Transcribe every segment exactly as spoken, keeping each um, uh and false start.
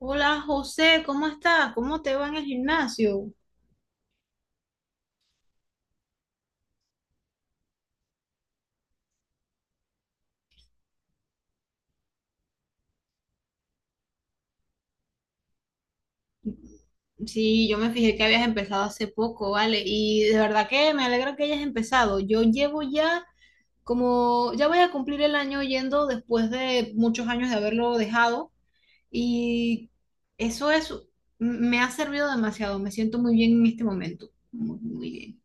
Hola José, ¿cómo estás? ¿Cómo te va en el gimnasio? Sí, yo me fijé que habías empezado hace poco, ¿vale? Y de verdad que me alegra que hayas empezado. Yo llevo ya como, ya voy a cumplir el año yendo después de muchos años de haberlo dejado y eso es, me ha servido demasiado, me siento muy bien en este momento, muy, muy bien.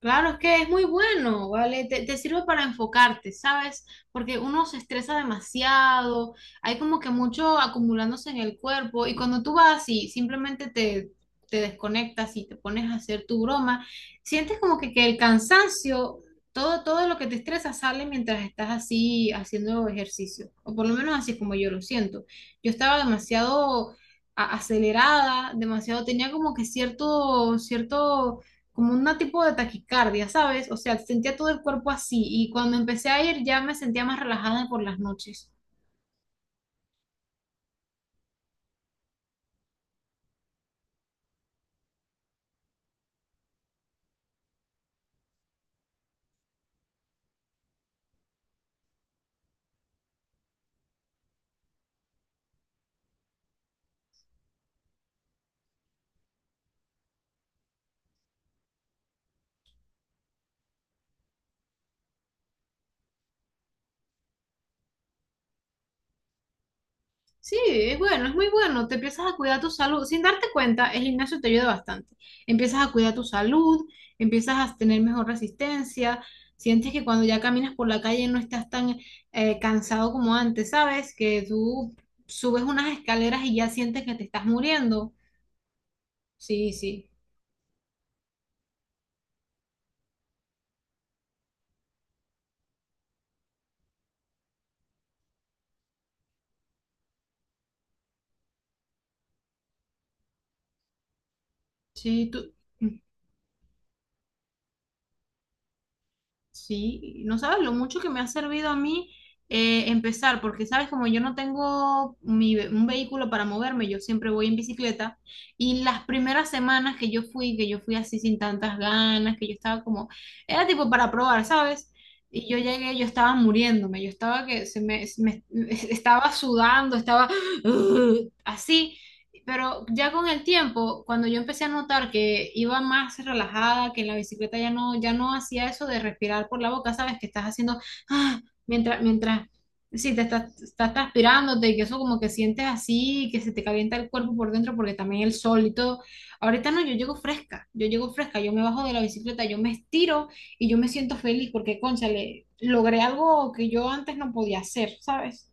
Claro, es que es muy bueno, ¿vale? Te, te sirve para enfocarte, ¿sabes? Porque uno se estresa demasiado, hay como que mucho acumulándose en el cuerpo y cuando tú vas y simplemente te, te desconectas y te pones a hacer tu broma, sientes como que, que el cansancio, todo, todo lo que te estresa sale mientras estás así haciendo ejercicio, o por lo menos así es como yo lo siento. Yo estaba demasiado a- acelerada, demasiado, tenía como que cierto, cierto como un tipo de taquicardia, ¿sabes? O sea, sentía todo el cuerpo así y cuando empecé a ir ya me sentía más relajada por las noches. Sí, es bueno, es muy bueno. Te empiezas a cuidar tu salud. Sin darte cuenta, el gimnasio te ayuda bastante. Empiezas a cuidar tu salud, empiezas a tener mejor resistencia, sientes que cuando ya caminas por la calle no estás tan eh, cansado como antes, ¿sabes? Que tú subes unas escaleras y ya sientes que te estás muriendo. Sí, sí, sí, tú. Sí, no sabes lo mucho que me ha servido a mí eh, empezar, porque sabes, como yo no tengo mi ve- un vehículo para moverme, yo siempre voy en bicicleta y las primeras semanas que yo fui, que yo fui así sin tantas ganas, que yo estaba como, era tipo para probar, ¿sabes? Y yo llegué, yo estaba muriéndome, yo estaba que se me, se me- estaba sudando, estaba así, pero ya con el tiempo, cuando yo empecé a notar que iba más relajada, que en la bicicleta ya no, ya no hacía eso de respirar por la boca, sabes que estás haciendo, ah, mientras, mientras, sí, te estás, estás transpirándote y que eso como que sientes así, que se te calienta el cuerpo por dentro porque también el sol y todo. Ahorita no, yo llego fresca, yo llego fresca, yo me bajo de la bicicleta, yo me estiro y yo me siento feliz porque, cónchale, logré algo que yo antes no podía hacer, ¿sabes?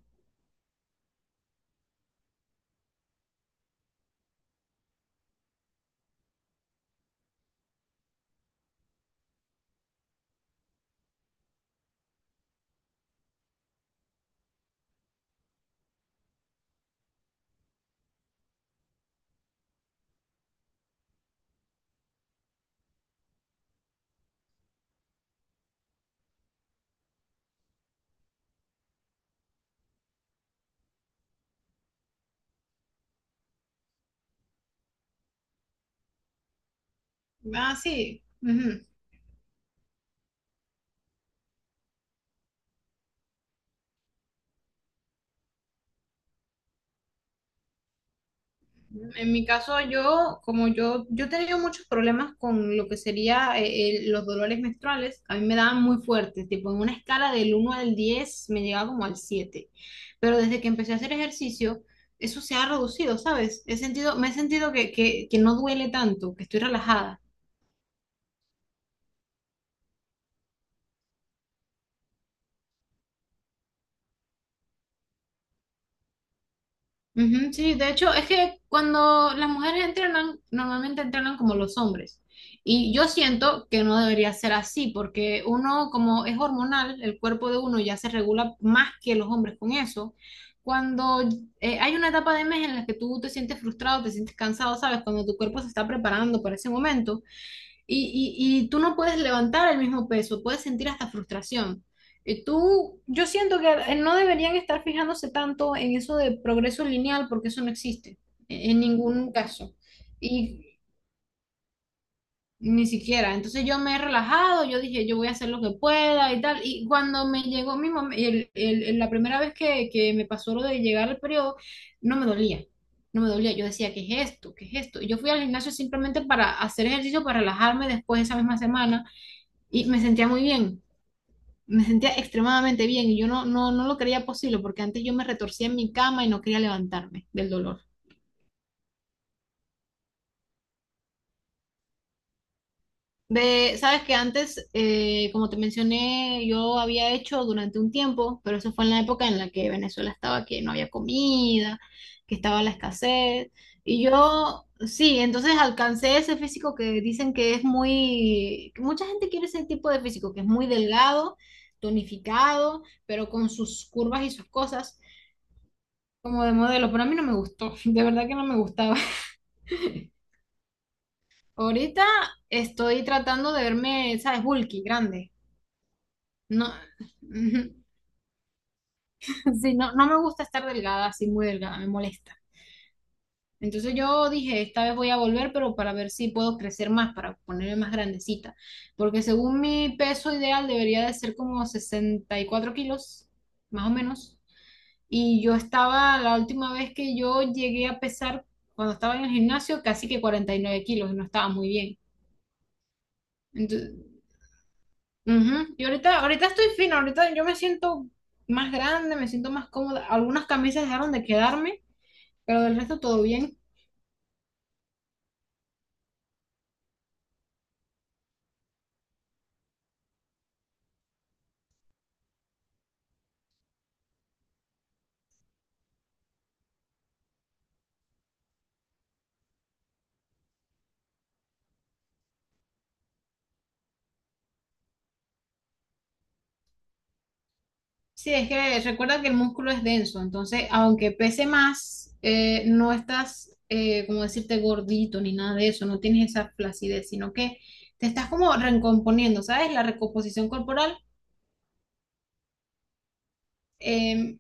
Ah, sí. Ujú. En mi caso, yo, como yo, yo he tenido muchos problemas con lo que sería eh, el- los dolores menstruales, a mí me daban muy fuertes, tipo en una escala del uno al diez me llegaba como al siete, pero desde que empecé a hacer ejercicio, eso se ha reducido, ¿sabes? He sentido, me he sentido que, que, que no duele tanto, que estoy relajada. Ujú, sí, de hecho, es que cuando las mujeres entrenan, normalmente entrenan como los hombres. Y yo siento que no debería ser así, porque uno, como es hormonal, el cuerpo de uno ya se regula más que los hombres con eso. Cuando eh, hay una etapa de mes en la que tú te sientes frustrado, te sientes cansado, ¿sabes? Cuando tu cuerpo se está preparando para ese momento. Y, y, y tú no puedes levantar el mismo peso, puedes sentir hasta frustración. Y tú, yo siento que eh, no deberían estar fijándose tanto en eso de progreso lineal porque eso no existe en en ningún caso. Y ni siquiera. Entonces yo me he relajado, yo dije, yo voy a hacer lo que pueda y tal. Y cuando me llegó mi mom- el- el- el- la primera vez que, que me pasó lo de llegar al periodo, no me dolía. No me dolía, yo decía, ¿qué es esto? ¿Qué es esto? Y yo fui al gimnasio simplemente para hacer ejercicio, para relajarme después de esa misma semana y me sentía muy bien, me sentía extremadamente bien y yo no, no, no lo creía posible porque antes yo me retorcía en mi cama y no quería levantarme del dolor. De, sabes que antes, eh, como te mencioné, yo había hecho durante un tiempo, pero eso fue en la época en la que Venezuela estaba, que no había comida, que estaba la escasez. Y yo, sí, entonces alcancé ese físico que dicen que es muy, que mucha gente quiere ese tipo de físico, que es muy delgado, tonificado, pero con sus curvas y sus cosas. Como de modelo, pero a mí no me gustó, de verdad que no me gustaba. Ahorita estoy tratando de verme, ¿sabes? Bulky, grande. No, sí, no, no me gusta estar delgada, así muy delgada, me molesta. Entonces yo dije, esta vez voy a volver, pero para ver si puedo crecer más, para ponerme más grandecita. Porque según mi peso ideal debería de ser como sesenta y cuatro kilos, más o menos. Y yo estaba, la última vez que yo llegué a pesar, cuando estaba en el gimnasio, casi que cuarenta y nueve kilos y no estaba muy bien. Entonces, ujú. Y ahorita, ahorita estoy fino, ahorita yo me siento más grande, me siento más cómoda. Algunas camisas dejaron de quedarme, pero del resto todo bien. Sí, es que recuerda que el músculo es denso, entonces aunque pese más, eh, no estás, eh, como decirte, gordito ni nada de eso, no tienes esa flacidez, sino que te estás como recomponiendo, ¿sabes? La recomposición corporal. em,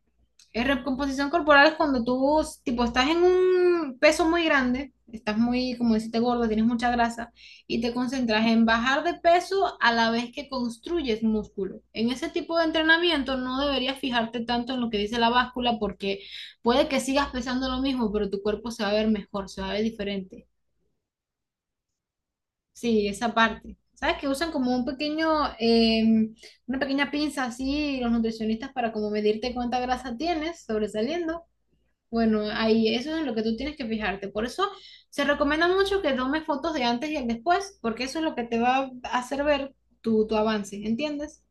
Eh, recomposición corporal es cuando tú, tipo, estás en un peso muy grande, estás muy, como deciste, gordo, tienes mucha grasa, y te concentras en bajar de peso a la vez que construyes músculo. En ese tipo de entrenamiento no deberías fijarte tanto en lo que dice la báscula porque puede que sigas pesando lo mismo, pero tu cuerpo se va a ver mejor, se va a ver diferente. Sí, esa parte. ¿Sabes que usan como un pequeño, em, una pequeña pinza así los nutricionistas para como medirte cuánta grasa tienes sobresaliendo? Bueno, ahí eso es en lo que tú tienes que fijarte. Por eso se recomienda mucho que tomes fotos de antes y el después, porque eso es lo que te va a hacer ver tu, tu avance, ¿entiendes?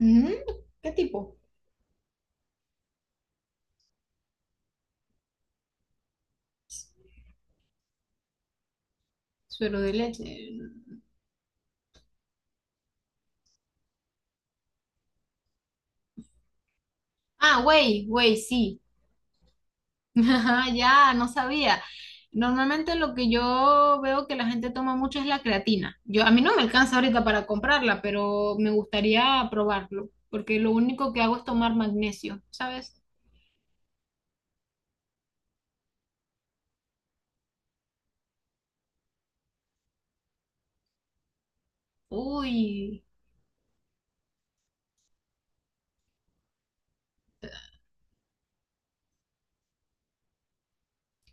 Mm, ¿qué tipo? Suero de leche. Ah, güey, güey, sí. Ajá, ya, no sabía. Normalmente lo que yo veo que la gente toma mucho es la creatina. Yo, a mí no me alcanza ahorita para comprarla, pero me gustaría probarlo, porque lo único que hago es tomar magnesio, ¿sabes? Uy,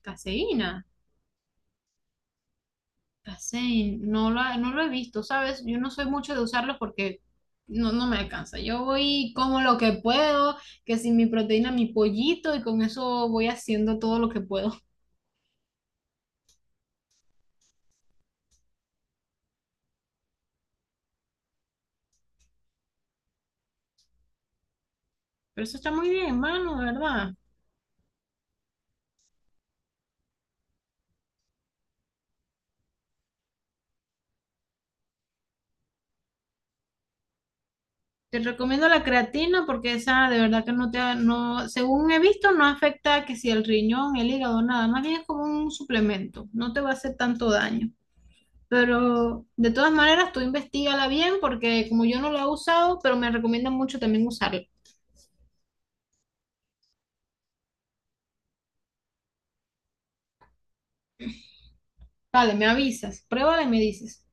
caseína. Casein, no lo, ha- no lo he visto, ¿sabes? Yo no soy mucho de usarlos porque no, no me alcanza. Yo voy como lo que puedo, que sin mi proteína, mi pollito, y con eso voy haciendo todo lo que puedo. Pero eso está muy bien, mano, ¿de verdad? Te recomiendo la creatina porque esa de verdad que no te, ha- no, según he visto, no afecta que si el riñón, el hígado, nada, más bien es como un suplemento, no te va a hacer tanto daño. Pero de todas maneras, tú investigala bien porque como yo no la he usado, pero me recomiendan mucho también usarla. Vale, me avisas, pruébala y me dices.